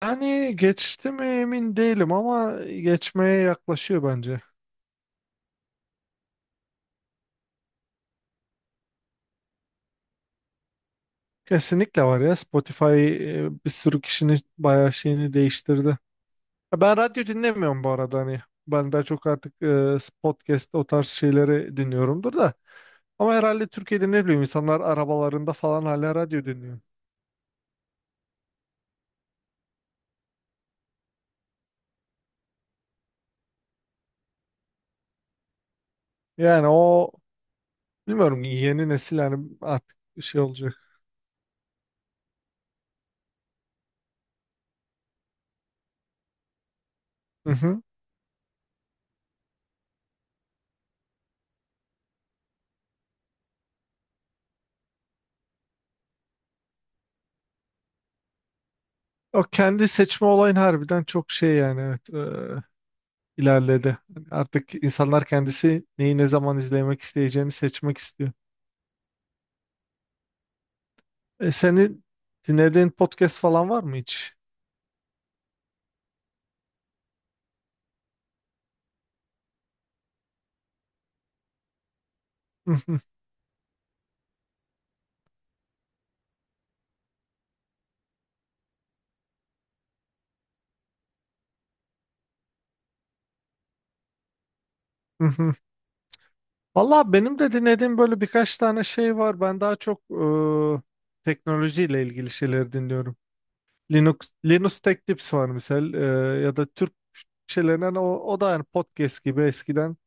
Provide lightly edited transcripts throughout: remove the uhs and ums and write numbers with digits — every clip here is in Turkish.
Hani geçti mi emin değilim ama geçmeye yaklaşıyor bence. Kesinlikle var ya. Spotify bir sürü kişinin bayağı şeyini değiştirdi. Ya ben radyo dinlemiyorum bu arada hani. Ben daha çok artık podcast o tarz şeyleri dinliyorumdur da. Ama herhalde Türkiye'de ne bileyim insanlar arabalarında falan hala radyo dinliyor. Yani o bilmiyorum, yeni nesil yani artık şey olacak. Hı hı. O kendi seçme olayın harbiden çok şey yani, evet. İlerledi. Yani artık insanlar kendisi neyi ne zaman izlemek isteyeceğini seçmek istiyor. E, senin dinlediğin podcast falan var mı hiç? Hı hı, hı hı. Valla benim de dinlediğim böyle birkaç tane şey var. Ben daha çok teknolojiyle ilgili şeyleri dinliyorum. Linux, Linus Tech Tips var misal, ya da Türk şeylerinden o da yani podcast gibi eskiden,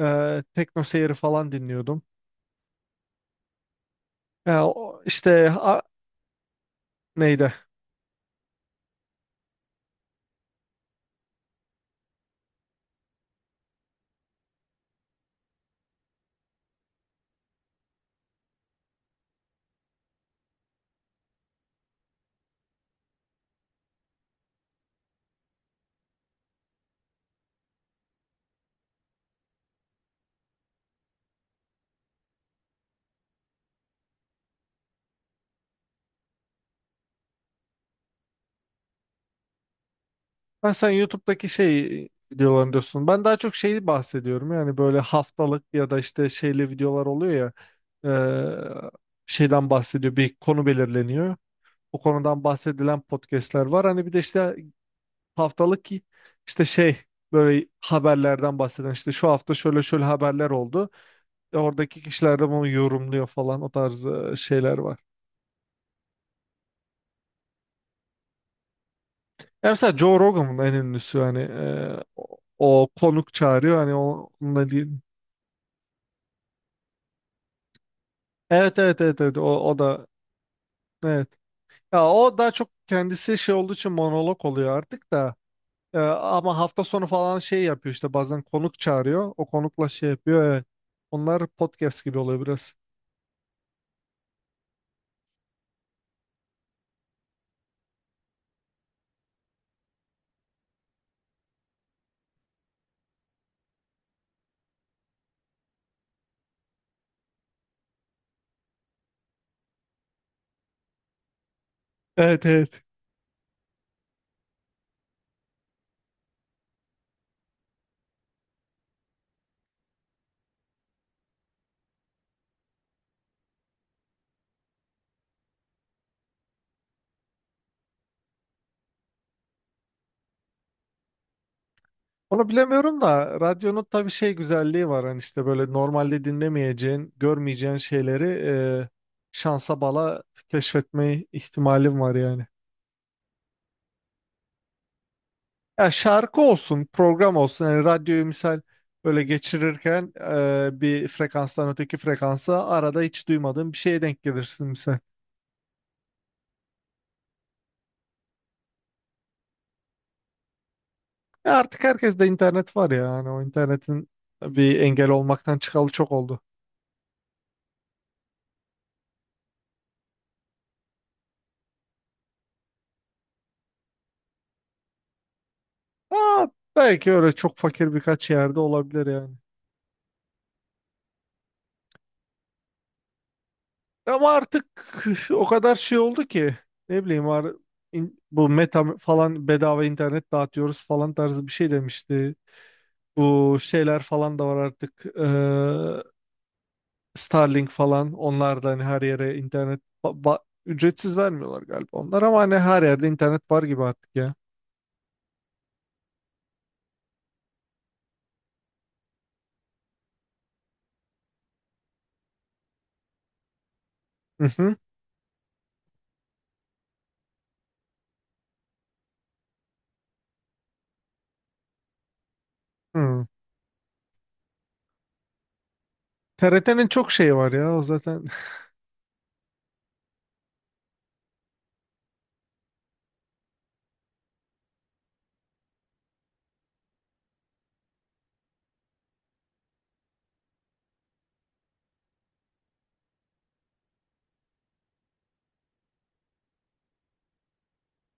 Tekno Seyir'i falan dinliyordum. E, o, işte a- neydi? Ha, sen YouTube'daki şey videolarını diyorsun. Ben daha çok şeyi bahsediyorum. Yani böyle haftalık ya da işte şeyli videolar oluyor ya. eee, Şeyden bahsediyor. Bir konu belirleniyor. O konudan bahsedilen podcastler var. Hani bir de işte haftalık ki işte şey, böyle haberlerden bahseden, işte şu hafta şöyle şöyle haberler oldu. E, oradaki kişiler de bunu yorumluyor falan, o tarz şeyler var. Yani mesela Joe Rogan'ın en ünlüsü hani, o konuk çağırıyor hani, onunla değil. Evet evet evet evet, o o da evet. Ya o daha çok kendisi şey olduğu için monolog oluyor artık da. Ama hafta sonu falan şey yapıyor, işte bazen konuk çağırıyor. O konukla şey yapıyor, evet. Onlar podcast gibi oluyor biraz. Evet evet. Onu bilemiyorum da radyonun tabii şey güzelliği var, hani işte böyle normalde dinlemeyeceğin, görmeyeceğin şeyleri e, şansa bala keşfetme ihtimalim var yani. Ya şarkı olsun, program olsun. Yani radyoyu misal böyle geçirirken bir frekanstan öteki frekansa arada hiç duymadığın bir şeye denk gelirsin misal. E artık herkes de internet var ya. Hani o internetin bir engel olmaktan çıkalı çok oldu. Aa, belki öyle çok fakir birkaç yerde olabilir yani. Ama artık o kadar şey oldu ki, ne bileyim, var bu meta falan bedava internet dağıtıyoruz falan tarzı bir şey demişti. Bu şeyler falan da var artık. Starlink falan, onlar da hani her yere internet ücretsiz vermiyorlar galiba onlar, ama hani her yerde internet var gibi artık ya. Hı hı. Hı. TRT'nin çok şeyi var ya o zaten.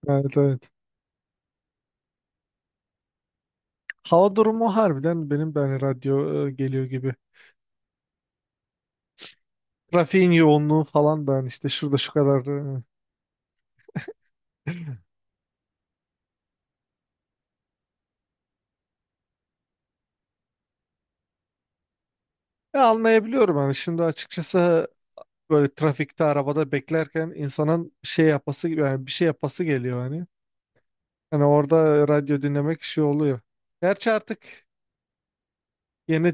Evet evet. Hava durumu harbiden benim de hani radyo geliyor gibi. Trafiğin yoğunluğu falan da hani işte şurada şu kadar. e. Ya anlayabiliyorum hani, şimdi açıkçası böyle trafikte arabada beklerken insanın şey yapası gibi yani, bir şey yapası geliyor hani. Hani orada radyo dinlemek şey oluyor. Gerçi artık yeni,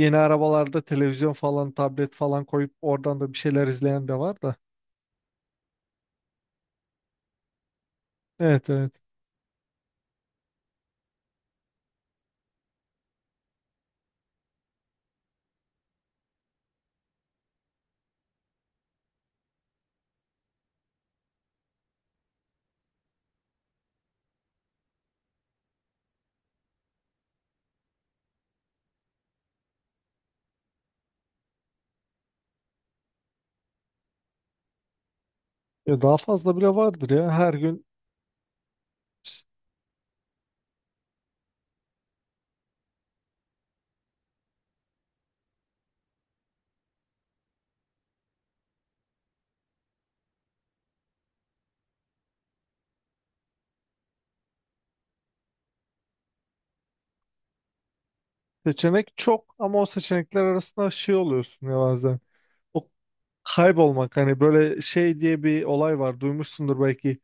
yeni arabalarda televizyon falan, tablet falan koyup oradan da bir şeyler izleyen de var da. Evet evet. Ya daha fazla bile vardır ya. Her gün seçenek çok, ama o seçenekler arasında şey oluyorsun ya bazen. O kaybolmak, hani böyle şey diye bir olay var, duymuşsundur belki.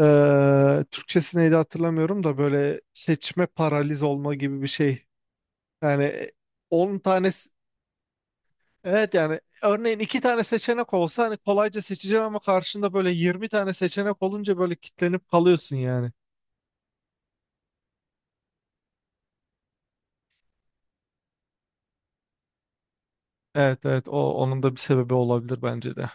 Türkçesi neydi hatırlamıyorum da, böyle seçme paraliz olma gibi bir şey. Yani 10 tane, evet yani örneğin iki tane seçenek olsa hani kolayca seçeceğim, ama karşında böyle 20 tane seçenek olunca böyle kitlenip kalıyorsun yani. Evet evet, o onun da bir sebebi olabilir bence de.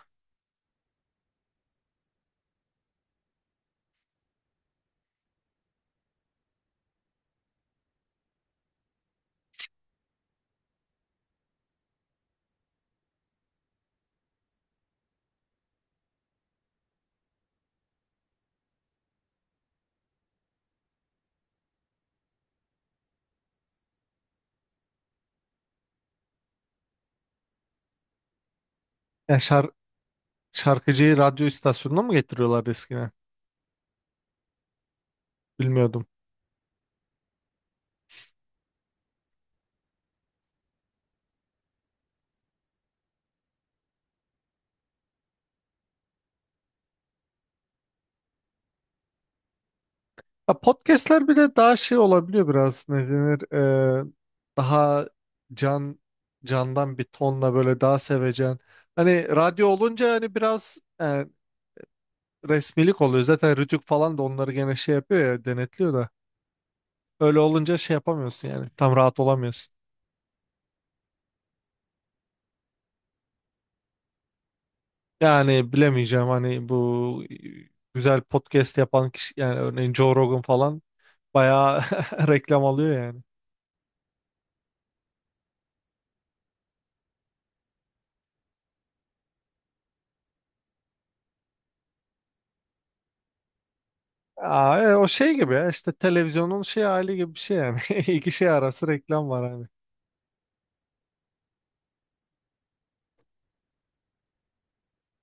Ya şar Şarkıcıyı radyo istasyonuna mı getiriyorlardı eskiden? Bilmiyordum. Ya podcastler bir de daha şey olabiliyor biraz, ne denir, Ee, daha can candan bir tonla, böyle daha sevecen. Hani radyo olunca hani biraz resmilik oluyor. Zaten Rütük falan da onları gene şey yapıyor ya, denetliyor da. Öyle olunca şey yapamıyorsun yani. Tam rahat olamıyorsun. Yani bilemeyeceğim hani, bu güzel podcast yapan kişi yani, örneğin Joe Rogan falan bayağı reklam alıyor yani. Aa, o şey gibi ya, işte televizyonun şey hali gibi bir şey yani. İki şey arası reklam var hani.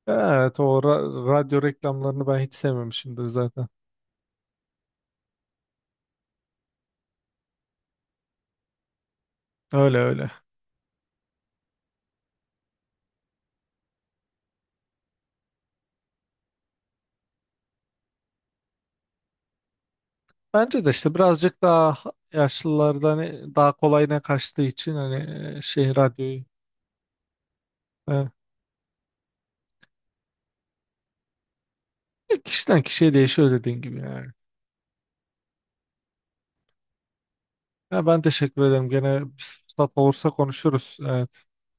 Evet, radyo reklamlarını ben hiç sevmemişimdir zaten. Öyle öyle. Bence de işte birazcık daha yaşlılarda hani daha kolayına kaçtığı için hani, şey radyoyu. e, Kişiden kişiye değişiyor dediğin gibi yani. Ya ben teşekkür ederim. Gene bir fırsat olursa konuşuruz. Evet.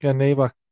Kendine iyi bak.